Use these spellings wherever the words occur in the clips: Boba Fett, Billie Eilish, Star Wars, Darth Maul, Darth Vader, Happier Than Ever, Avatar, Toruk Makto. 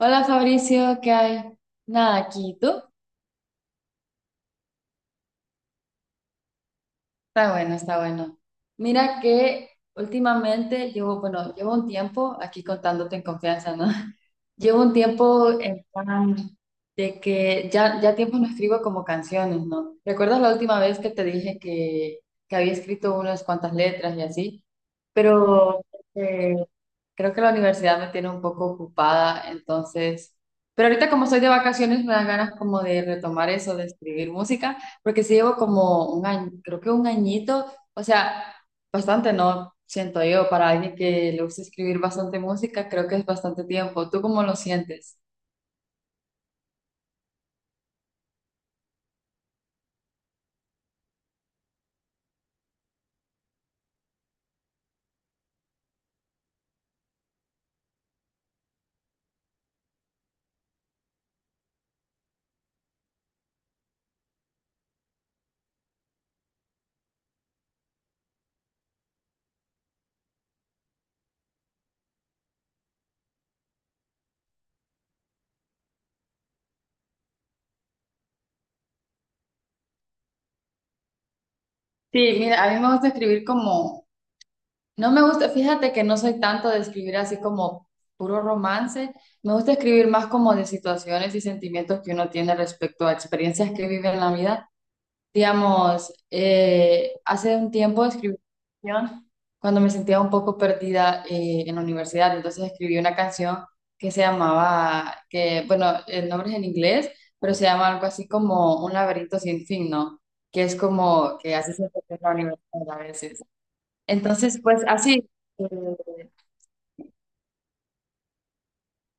Hola Fabricio, ¿qué hay? Nada, aquí, ¿y tú? Está bueno, está bueno. Mira que últimamente llevo, bueno, llevo un tiempo, aquí contándote en confianza, ¿no? Llevo un tiempo en plan de que ya, ya tiempo no escribo como canciones, ¿no? ¿Recuerdas la última vez que te dije que había escrito unas cuantas letras y así? Pero eh, creo que la universidad me tiene un poco ocupada, entonces, pero ahorita como soy de vacaciones me dan ganas como de retomar eso, de escribir música, porque sí llevo como un año, creo que un añito, o sea, bastante, ¿no? Siento yo, para alguien que le gusta escribir bastante música, creo que es bastante tiempo. ¿Tú cómo lo sientes? Sí, mira, a mí me gusta escribir como no me gusta, fíjate que no soy tanto de escribir así como puro romance, me gusta escribir más como de situaciones y sentimientos que uno tiene respecto a experiencias que vive en la vida. Digamos, hace un tiempo escribí una canción cuando me sentía un poco perdida en la universidad, entonces escribí una canción que se llamaba, que bueno, el nombre es en inglés, pero se llama algo así como Un laberinto sin fin, ¿no? Que es como que así se siente en la universidad a veces. Entonces, pues así, eh,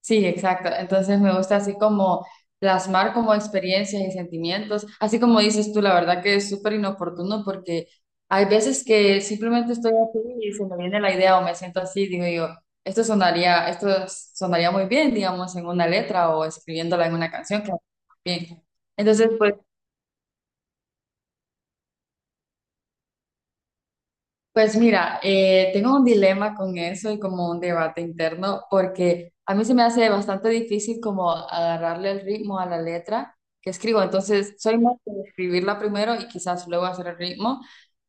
sí, exacto. Entonces me gusta así como plasmar como experiencias y sentimientos, así como dices tú, la verdad que es súper inoportuno porque hay veces que simplemente estoy así y se me viene la idea o me siento así, digo yo, esto sonaría muy bien, digamos, en una letra o escribiéndola en una canción, que bien. Entonces, pues pues mira, tengo un dilema con eso y como un debate interno, porque a mí se me hace bastante difícil como agarrarle el ritmo a la letra que escribo. Entonces, soy más de escribirla primero y quizás luego hacer el ritmo.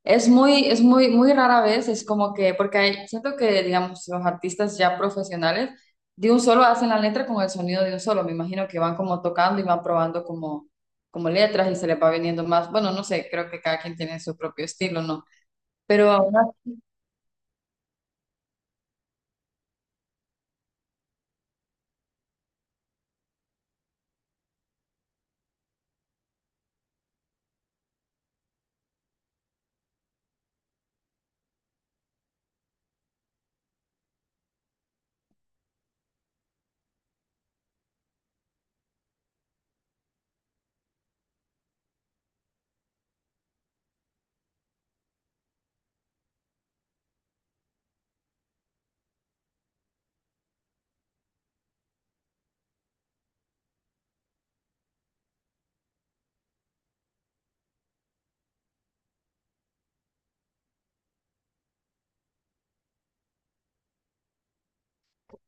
Es muy, muy rara vez, es como que, porque hay- siento que, digamos, los artistas ya profesionales de un solo hacen la letra con el sonido de un solo. Me imagino que van como tocando y van probando como, como letras y se les va viniendo más. Bueno, no sé, creo que cada quien tiene su propio estilo, ¿no? Pero aún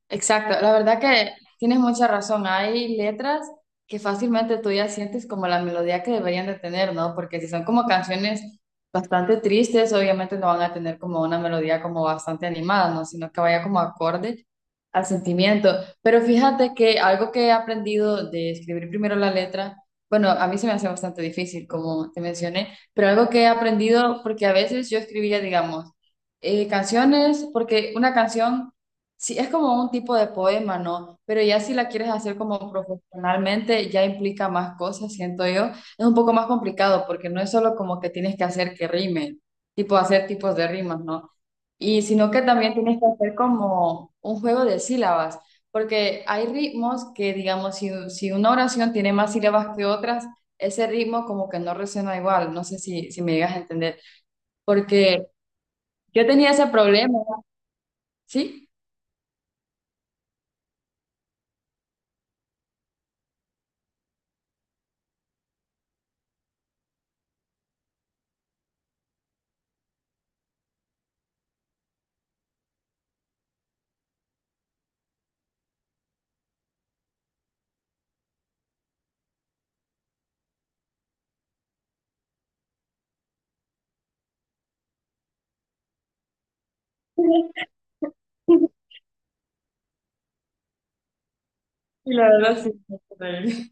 exacto, la verdad que tienes mucha razón. Hay letras que fácilmente tú ya sientes como la melodía que deberían de tener, ¿no? Porque si son como canciones bastante tristes, obviamente no van a tener como una melodía como bastante animada, ¿no? Sino que vaya como acorde al sentimiento. Pero fíjate que algo que he aprendido de escribir primero la letra, bueno, a mí se me hace bastante difícil, como te mencioné, pero algo que he aprendido, porque a veces yo escribía, digamos, canciones, porque una canción sí, es como un tipo de poema, ¿no? Pero ya si la quieres hacer como profesionalmente, ya implica más cosas, siento yo. Es un poco más complicado porque no es solo como que tienes que hacer que rime, tipo hacer tipos de rimas, ¿no? Y sino que también tienes que hacer como un juego de sílabas, porque hay ritmos que, digamos, si, si una oración tiene más sílabas que otras, ese ritmo como que no resuena igual, no sé si, si me llegas a entender, porque yo tenía ese problema, ¿sí? Y la verdad sí, no sé por qué.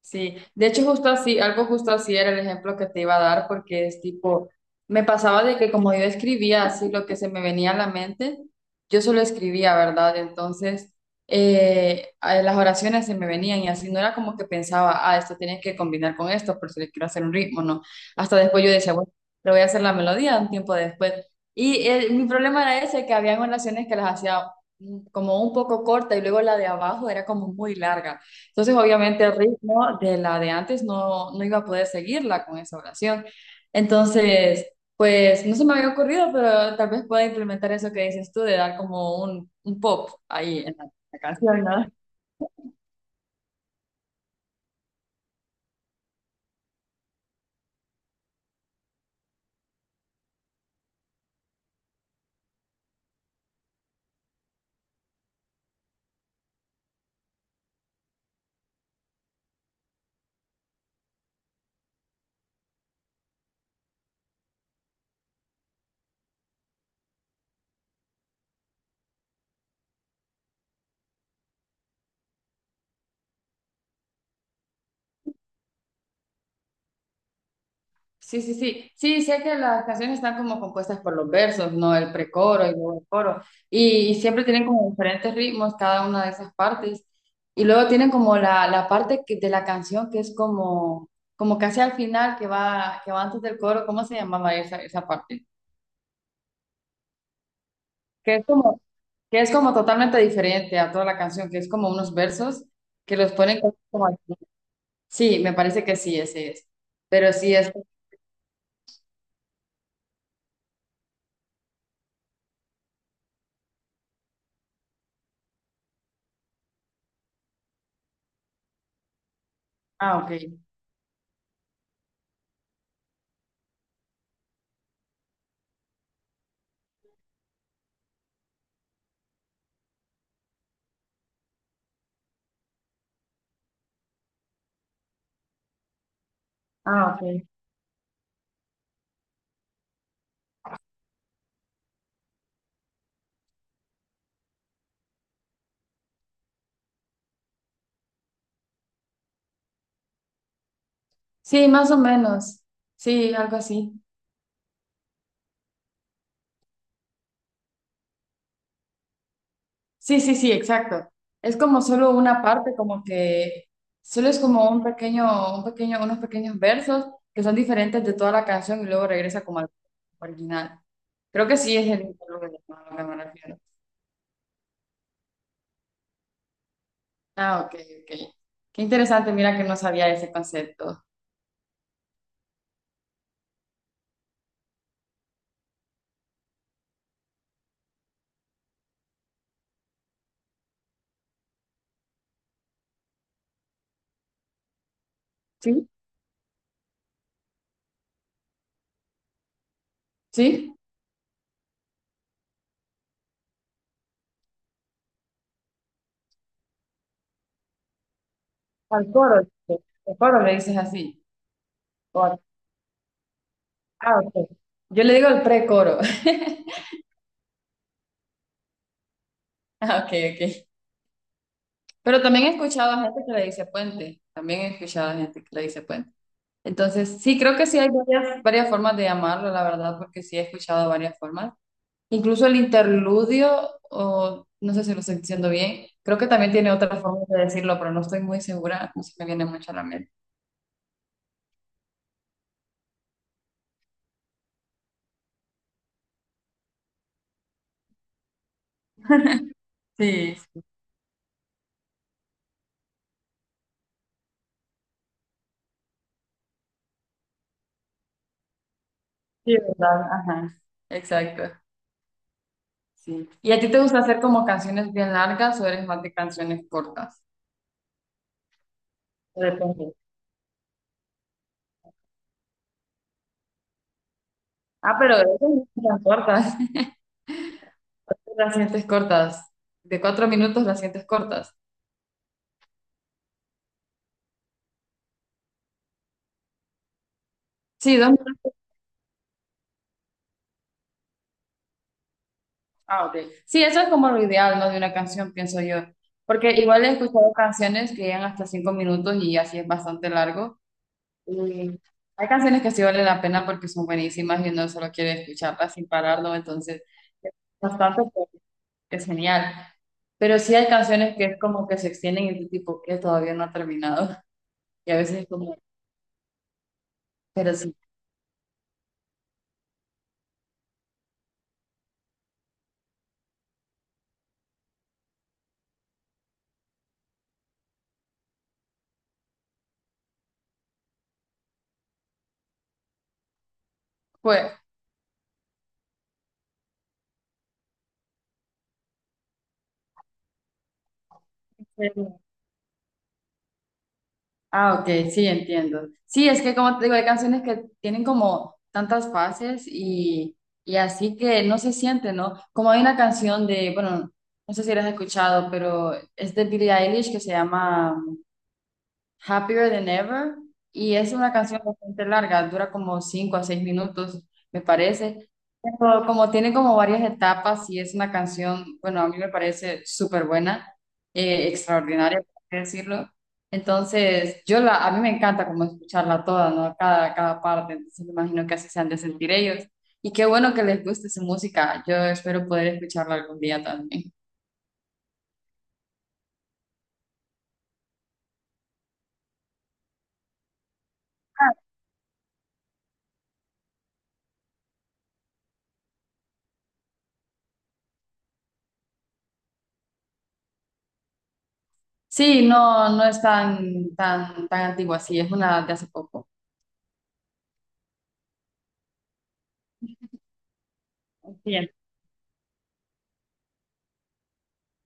Sí, de hecho justo así, algo justo así era el ejemplo que te iba a dar porque es tipo, me pasaba de que como yo escribía así lo que se me venía a la mente, yo solo escribía, ¿verdad? Entonces las oraciones se me venían y así no era como que pensaba, ah, esto tiene que combinar con esto por si le quiero hacer un ritmo, no. Hasta después yo decía, bueno, le voy a hacer la melodía un tiempo después. Y mi problema era ese, que habían oraciones que las hacía como un poco corta y luego la de abajo era como muy larga. Entonces, obviamente, el ritmo de la de antes no, no iba a poder seguirla con esa oración. Entonces, pues no se me había ocurrido, pero tal vez pueda implementar eso que dices tú de dar como un pop ahí en la, la canción, ¿no? Sí, sí, sí. Sí, sé que las canciones están como compuestas por los versos, ¿no? El precoro y luego el coro. Y siempre tienen como diferentes ritmos cada una de esas partes. Y luego tienen como la parte que- de la canción que es como, como casi al final, que va antes del coro. ¿Cómo se llamaba esa, esa parte? Que es como, que es como totalmente diferente a toda la canción, que es como unos versos que los ponen como al final. Sí, me parece que sí, ese es. Pero sí es. Ah, ok. Ah, ok. Sí, más o menos. Sí, algo así. Sí, sí, sí, exacto. Es como solo una parte, como que solo es como un pequeño, unos pequeños versos que son diferentes de toda la canción y luego regresa como al original. Creo que sí es el mismo lo que a lo que me refiero. Ah, ok, ok. Qué interesante, mira que no sabía ese concepto. ¿Sí? ¿Sí? Al coro, dice, al coro le dices así. O al- ah, ok. Yo le digo el precoro. Ah, ok, ok. Pero también he escuchado a gente que le dice puente. También he escuchado a gente que le dice puente. Entonces, sí, creo que sí hay varias, varias formas de llamarlo, la verdad, porque sí he escuchado varias formas. Incluso el interludio, o no sé si lo estoy diciendo bien, creo que también tiene otra forma de decirlo, pero no estoy muy segura, no se me viene mucho a la mente. Sí, sí, ¿verdad? Ajá, exacto. Sí. ¿Y a ti te gusta hacer como canciones bien largas o eres más de canciones cortas? Depende. Ah, pero de esas no son tan cortas. Las sientes cortas. De 4 minutos las sientes cortas. Sí, 2 minutos. Ah, ok. Sí, eso es como lo ideal, ¿no? De una canción, pienso yo. Porque igual he escuchado canciones que llegan hasta 5 minutos y así es bastante largo. Y hay canciones que sí valen la pena porque son buenísimas y uno solo quiere escucharlas sin pararlo, entonces es bastante, pues, es genial. Pero sí hay canciones que es como que se extienden y tú tipo que todavía no ha terminado. Y a veces es como, pero sí. Pues, ah, ok, sí, entiendo. Sí, es que como te digo, hay canciones que tienen como tantas fases y así que no se siente, ¿no? Como hay una canción de, bueno, no sé si la has escuchado, pero es de Billie Eilish que se llama Happier Than Ever, y es una canción bastante larga, dura como 5 a 6 minutos, me parece. Pero como tiene como varias etapas y es una canción, bueno, a mí me parece súper buena, extraordinaria, por así decirlo. Entonces, yo la, a mí me encanta como escucharla toda, ¿no? Cada, cada parte, entonces me imagino que así se han de sentir ellos. Y qué bueno que les guste su música, yo espero poder escucharla algún día también. Sí, no, no es tan, tan, tan antigua, sí, es una de hace poco. Sí,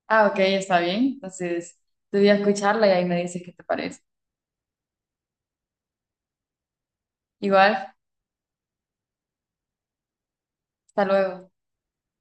ah, ok, está bien. Entonces, te voy a escucharla y ahí me dices qué te parece. Igual, hasta luego.